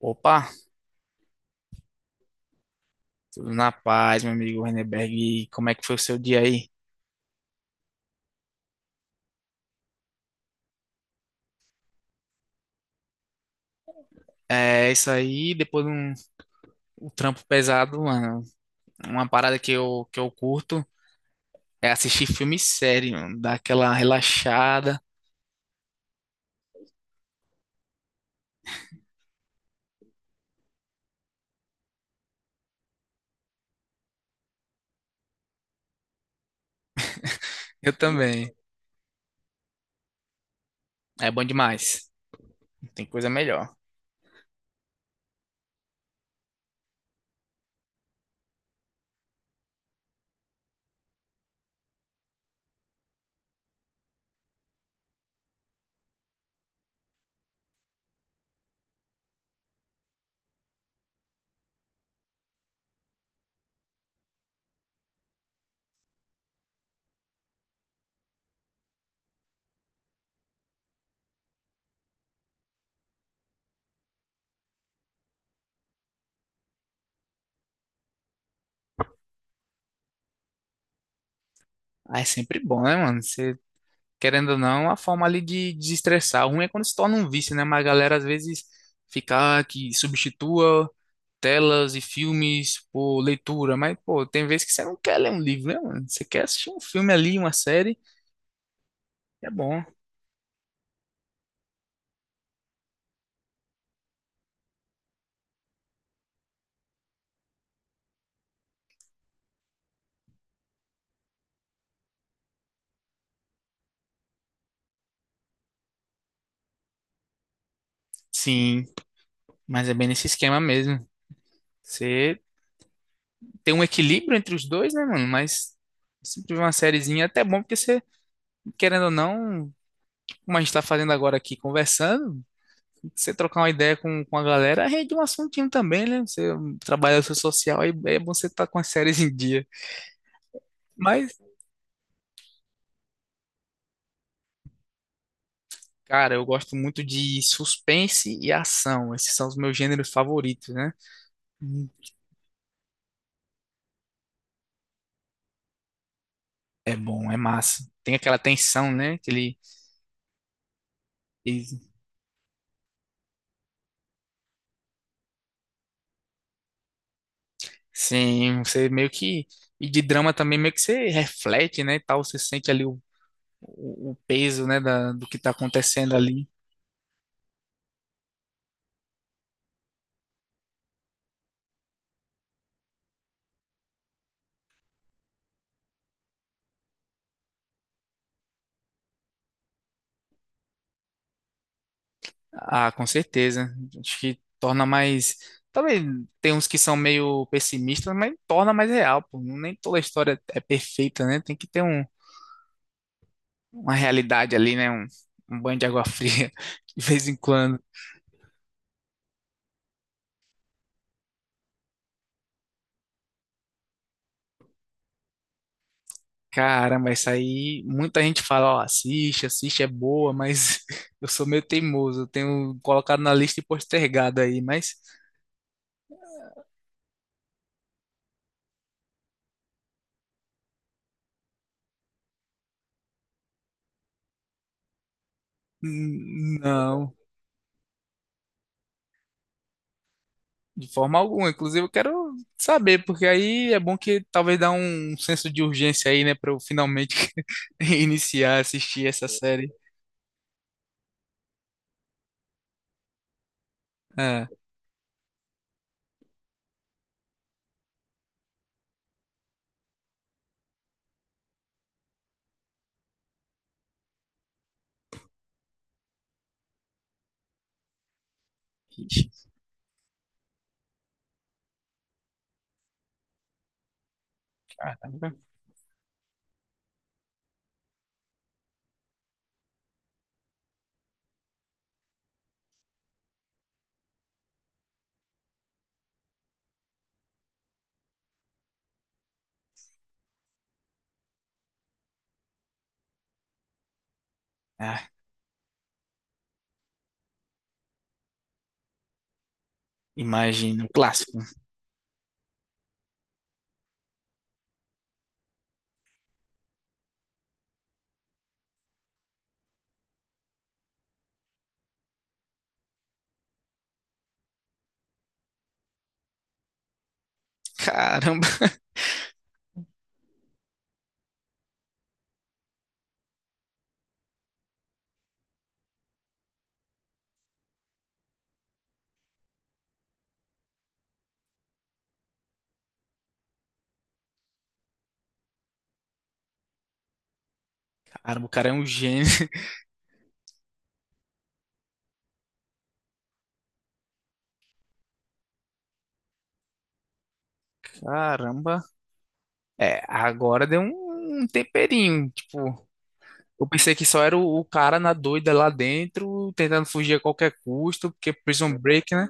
Opa, tudo na paz, meu amigo Renenberg. E como é que foi o seu dia aí? É isso aí, depois de um trampo pesado, mano. Uma parada que eu curto é assistir filme sério, mano, dar aquela relaxada. Eu também. É bom demais. Não tem coisa melhor. Ah, é sempre bom, né, mano? Você querendo ou não, a forma ali de desestressar. O ruim é quando se torna um vício, né? Mas a galera às vezes fica ah, que substitua telas e filmes por leitura. Mas, pô, tem vezes que você não quer ler um livro, né, mano? Você quer assistir um filme ali, uma série, é bom. Sim, mas é bem nesse esquema mesmo. Você tem um equilíbrio entre os dois, né, mano? Mas sempre uma sériezinha é até bom, porque você, querendo ou não, como a gente tá fazendo agora aqui, conversando, você trocar uma ideia com a galera, rende um assuntinho também, né? Você trabalha seu social, aí é bom você estar com as séries em dia. Mas, cara, eu gosto muito de suspense e ação. Esses são os meus gêneros favoritos, né? Hum. É bom, é massa. Tem aquela tensão, né? Aquele, e- sim, você meio que. E de drama também, meio que você reflete, né? E tal, você sente ali o peso, né? Da, do que tá acontecendo ali. Ah, com certeza. Acho que torna mais. Talvez tem uns que são meio pessimistas, mas torna mais real, pô. Nem toda história é perfeita, né? Tem que ter um, uma realidade ali, né? Um banho de água fria de vez em quando. Caramba, isso aí. Muita gente fala, ó, assiste, assiste, é boa, mas eu sou meio teimoso. Eu tenho colocado na lista e postergado aí, mas não. De forma alguma. Inclusive, eu quero saber, porque aí é bom que talvez dá um senso de urgência aí, né, para eu finalmente iniciar a assistir essa série. Ah, ixi, caramba. Ah, imagina, um clássico. Caramba. Caramba, o cara é um gênio. Caramba. É, agora deu um, um temperinho, tipo. Eu pensei que só era o cara na doida lá dentro, tentando fugir a qualquer custo, porque Prison Break, né?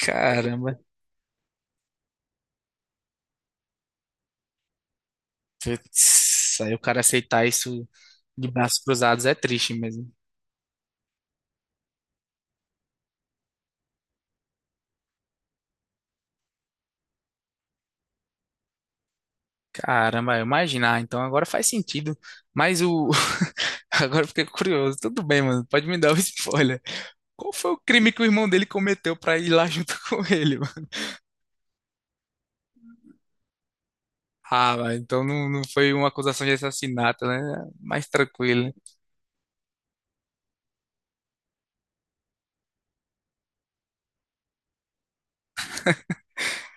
Caramba. Putz, aí o cara aceitar isso de braços cruzados é triste mesmo. Caramba, eu imaginar. Então agora faz sentido. Mas o. Agora eu fiquei curioso. Tudo bem, mano. Pode me dar o spoiler. Qual foi o crime que o irmão dele cometeu pra ir lá junto com ele, mano? Ah, mas então não foi uma acusação de assassinato, né? Mais tranquilo.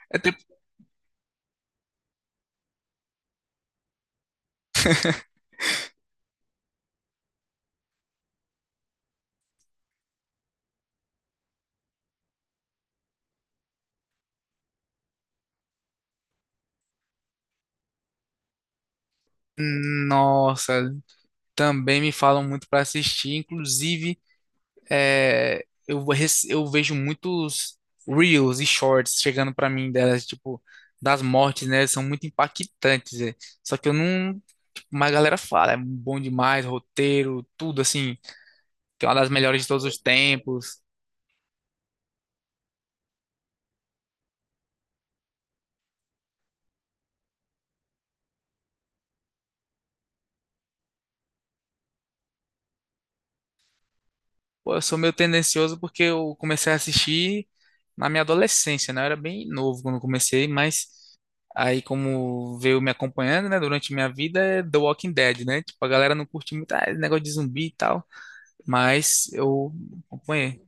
É tipo. Nossa. Também me falam muito pra assistir. Inclusive, é, eu vejo muitos reels e shorts chegando pra mim delas, tipo, das mortes, né? São muito impactantes. É. Só que eu não. Tipo, mas a galera fala, é bom demais, roteiro, tudo assim, que é uma das melhores de todos os tempos. Pô, eu sou meio tendencioso porque eu comecei a assistir na minha adolescência, né? Eu era bem novo quando comecei, mas. Aí, como veio me acompanhando, né, durante minha vida, é The Walking Dead, né? Tipo, a galera não curte muito, ah, esse negócio de zumbi e tal. Mas eu acompanhei.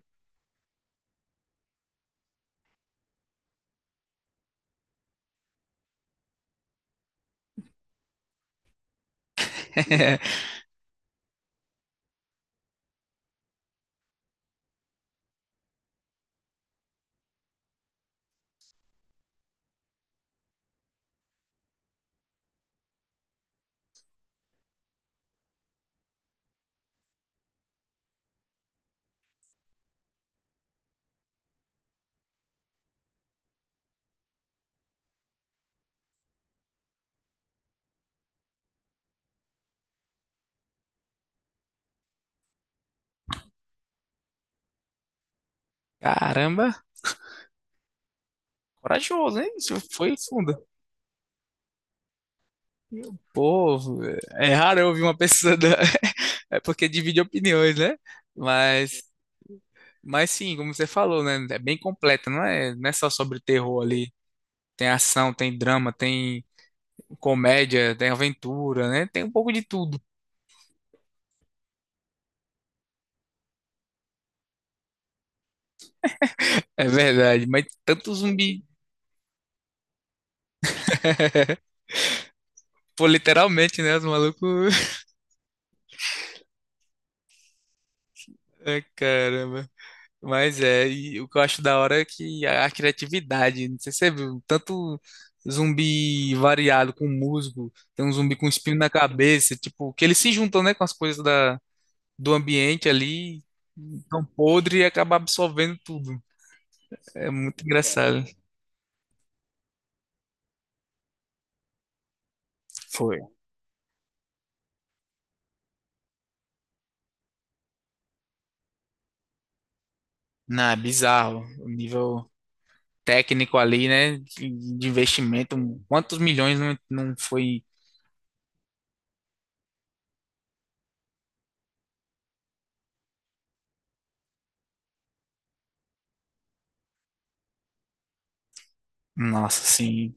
Caramba, corajoso, hein? Isso foi fundo. Pô, é raro eu ouvir uma pessoa. Da- é porque divide opiniões, né? Mas, mas sim, como você falou, né? É bem completa, não é só sobre terror ali. Tem ação, tem drama, tem comédia, tem aventura, né? Tem um pouco de tudo. É verdade, mas tanto zumbi. Pô, literalmente, né? Os malucos. Ai, caramba. Mas é, e o que eu acho da hora é que a criatividade, não sei se você viu, tanto zumbi variado com musgo, tem um zumbi com espinho na cabeça, tipo, que eles se juntam, né, com as coisas da, do ambiente ali, tão podre e acaba absorvendo tudo. É muito engraçado. Foi. Não, é bizarro. O nível técnico ali, né, de investimento, quantos milhões não, não foi, nossa, assim,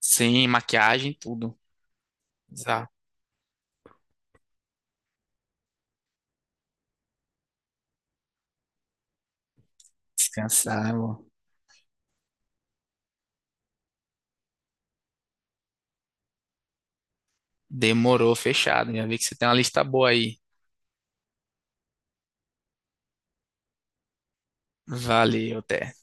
sem maquiagem, tudo. Bizarro. Descansar. Demorou, fechado. Já vi que você tem uma lista boa aí. Valeu, até.